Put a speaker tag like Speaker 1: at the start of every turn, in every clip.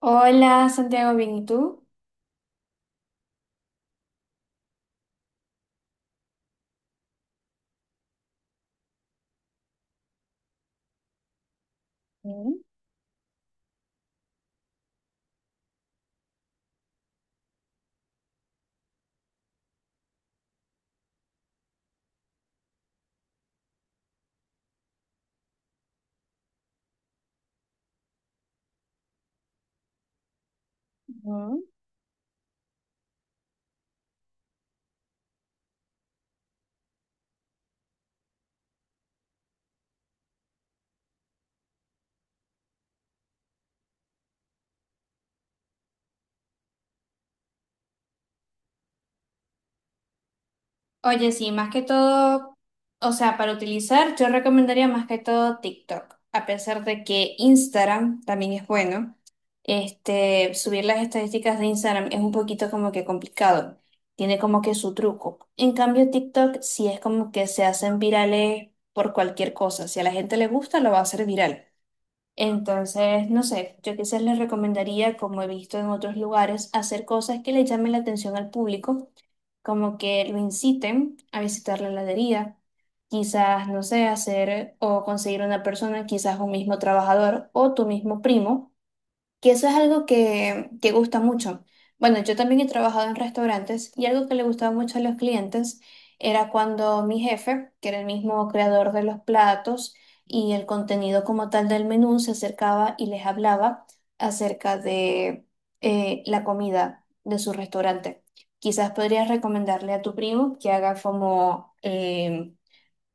Speaker 1: Hola, Santiago, bien, ¿y tú? Mm, mm. Oye, sí, más que todo, o sea, para utilizar, yo recomendaría más que todo TikTok, a pesar de que Instagram también es bueno. Este, subir las estadísticas de Instagram es un poquito como que complicado, tiene como que su truco. En cambio, TikTok sí es como que se hacen virales por cualquier cosa. Si a la gente le gusta, lo va a hacer viral. Entonces, no sé, yo quizás les recomendaría, como he visto en otros lugares, hacer cosas que le llamen la atención al público, como que lo inciten a visitar la heladería, quizás, no sé, hacer o conseguir una persona, quizás un mismo trabajador o tu mismo primo que eso es algo que gusta mucho. Bueno, yo también he trabajado en restaurantes y algo que le gustaba mucho a los clientes era cuando mi jefe, que era el mismo creador de los platos y el contenido como tal del menú, se acercaba y les hablaba acerca de la comida de su restaurante. Quizás podrías recomendarle a tu primo que haga como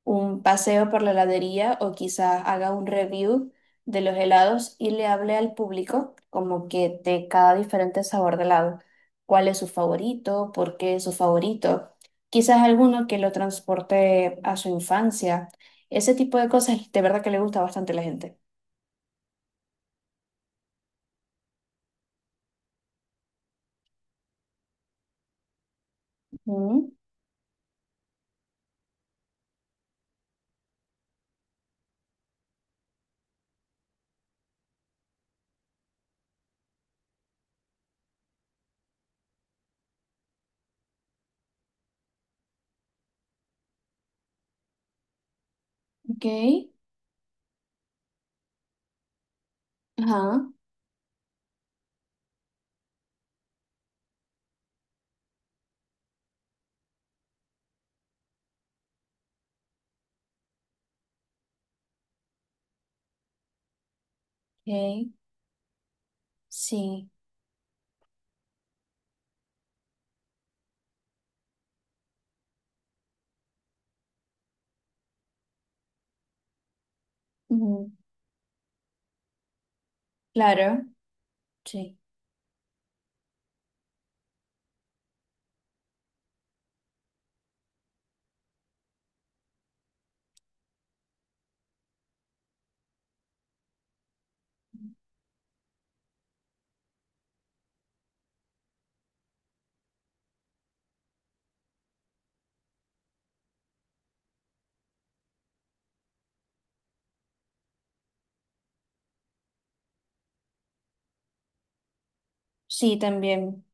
Speaker 1: un paseo por la heladería o quizás haga un review de los helados y le hable al público como que de cada diferente sabor de helado, cuál es su favorito, por qué es su favorito, quizás alguno que lo transporte a su infancia, ese tipo de cosas de verdad que le gusta bastante a la gente. Mm, ok, ajá, ok, sí, ujú, claro, sí, sí, también.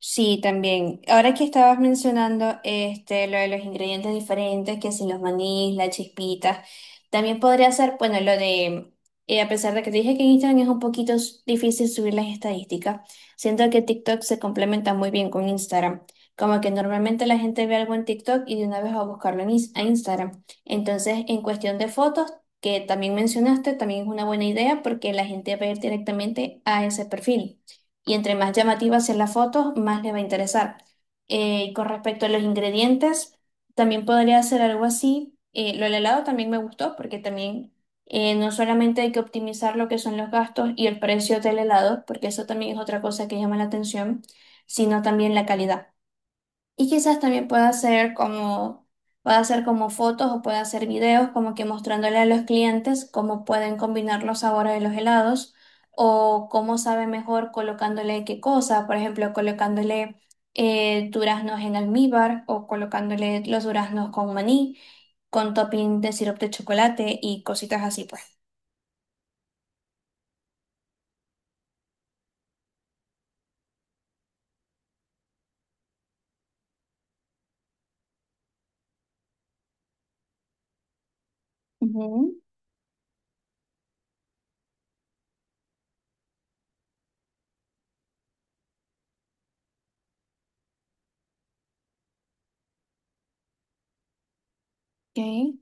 Speaker 1: Sí, también. Ahora que estabas mencionando este, lo de los ingredientes diferentes, que si los manís, las chispitas, también podría ser, bueno, lo de, a pesar de que te dije que en Instagram es un poquito difícil subir las estadísticas, siento que TikTok se complementa muy bien con Instagram. Como que normalmente la gente ve algo en TikTok y de una vez va a buscarlo en a Instagram. Entonces, en cuestión de fotos, que también mencionaste, también es una buena idea porque la gente va a ir directamente a ese perfil y entre más llamativa sea la foto, más le va a interesar. Y con respecto a los ingredientes, también podría hacer algo así. Lo del helado también me gustó porque también no solamente hay que optimizar lo que son los gastos y el precio del helado, porque eso también es otra cosa que llama la atención, sino también la calidad. Y quizás también pueda hacer como fotos o pueda hacer videos como que mostrándole a los clientes cómo pueden combinar los sabores de los helados o cómo sabe mejor colocándole qué cosa, por ejemplo, colocándole duraznos en almíbar o colocándole los duraznos con maní, con topping de sirope de chocolate y cositas así pues. Ujú, ok,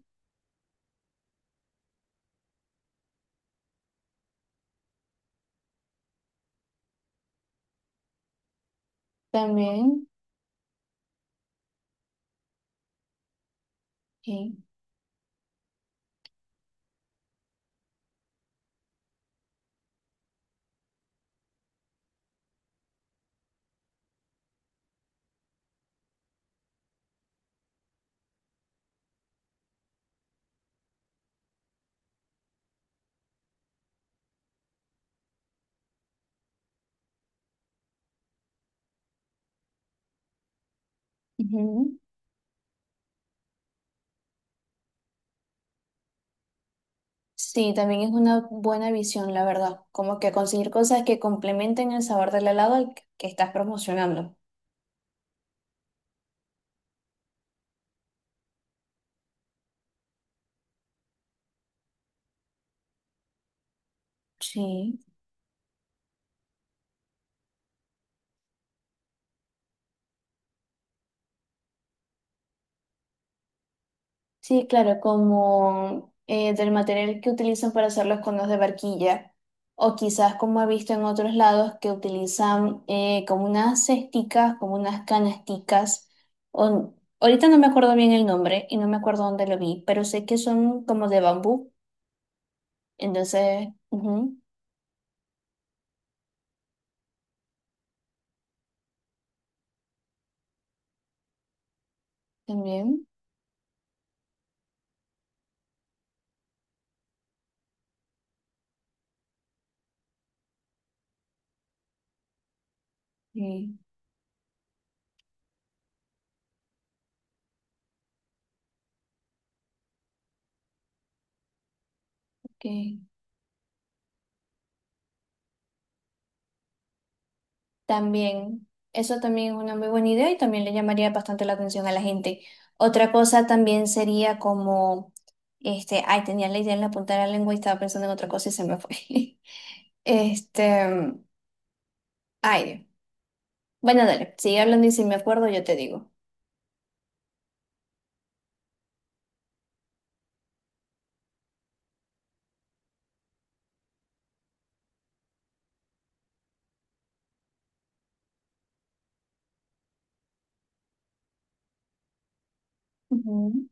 Speaker 1: también. Ok, ujú. Sí, también es una buena visión, la verdad. Como que conseguir cosas que complementen el sabor del helado al que estás promocionando. Sí, sí, claro, como del material que utilizan para hacer los conos de barquilla, o quizás como he visto en otros lados que utilizan como unas cesticas, como unas canasticas, o, ahorita no me acuerdo bien el nombre y no me acuerdo dónde lo vi, pero sé que son como de bambú, entonces, ujú, también, sí, ok. También, eso también es una muy buena idea y también le llamaría bastante la atención a la gente. Otra cosa también sería como, este, ay, tenía la idea en la punta de la lengua y estaba pensando en otra cosa y se me fue. Este, ay, Dios. Bueno, dale, sigue hablando y si me acuerdo yo te digo. Ujú.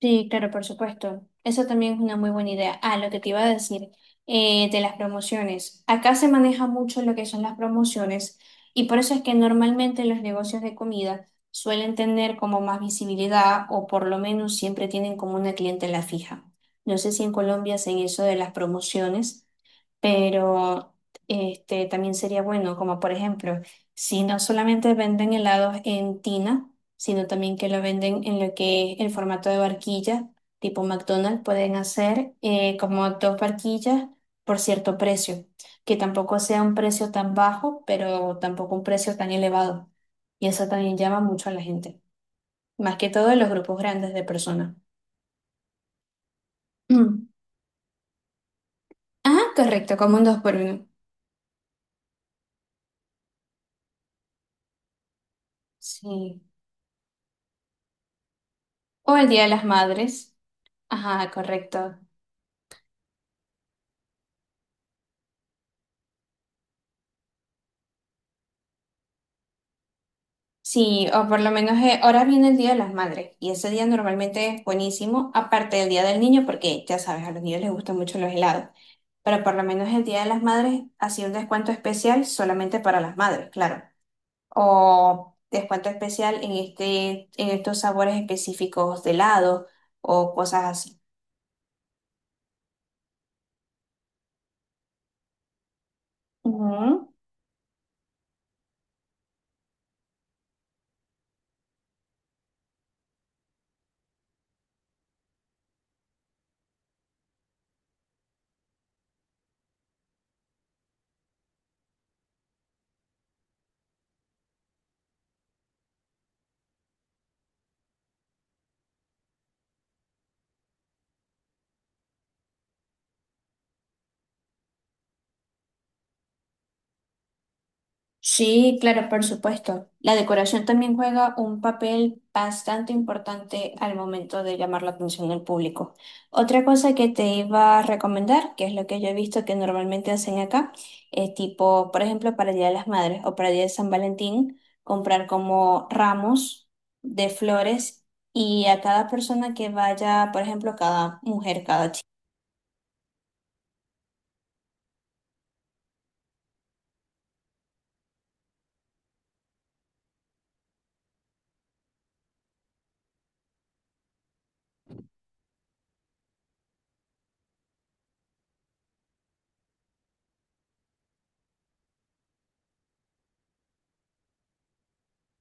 Speaker 1: Sí, claro, por supuesto. Eso también es una muy buena idea. Ah, lo que te iba a decir de las promociones. Acá se maneja mucho lo que son las promociones y por eso es que normalmente los negocios de comida suelen tener como más visibilidad o por lo menos siempre tienen como una clientela fija. No sé si en Colombia hacen eso de las promociones, pero este, también sería bueno, como por ejemplo, si no solamente venden helados en tina, sino también que lo venden en lo que es el formato de barquilla, tipo McDonald's, pueden hacer como dos barquillas por cierto precio, que tampoco sea un precio tan bajo, pero tampoco un precio tan elevado. Y eso también llama mucho a la gente, más que todo en los grupos grandes de personas. Mm. Ah, correcto, como un dos por uno. Sí. O el Día de las Madres. Ajá, correcto. Sí, o por lo menos ahora viene el Día de las Madres y ese día normalmente es buenísimo, aparte del Día del Niño, porque ya sabes, a los niños les gustan mucho los helados, pero por lo menos el Día de las Madres hacía un descuento especial solamente para las madres, claro, o descuento especial en este, en estos sabores específicos de helado o cosas así. Ujú. Sí, claro, por supuesto. La decoración también juega un papel bastante importante al momento de llamar la atención del público. Otra cosa que te iba a recomendar, que es lo que yo he visto que normalmente hacen acá, es tipo, por ejemplo, para el Día de las Madres o para el Día de San Valentín, comprar como ramos de flores y a cada persona que vaya, por ejemplo, cada mujer, cada chica.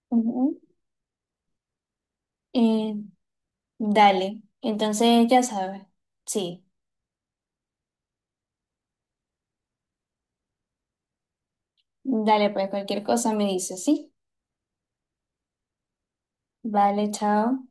Speaker 1: Ujú. Eh, dale, entonces ya sabes, sí. Dale, pues cualquier cosa me dices, ¿sí? Vale, chao.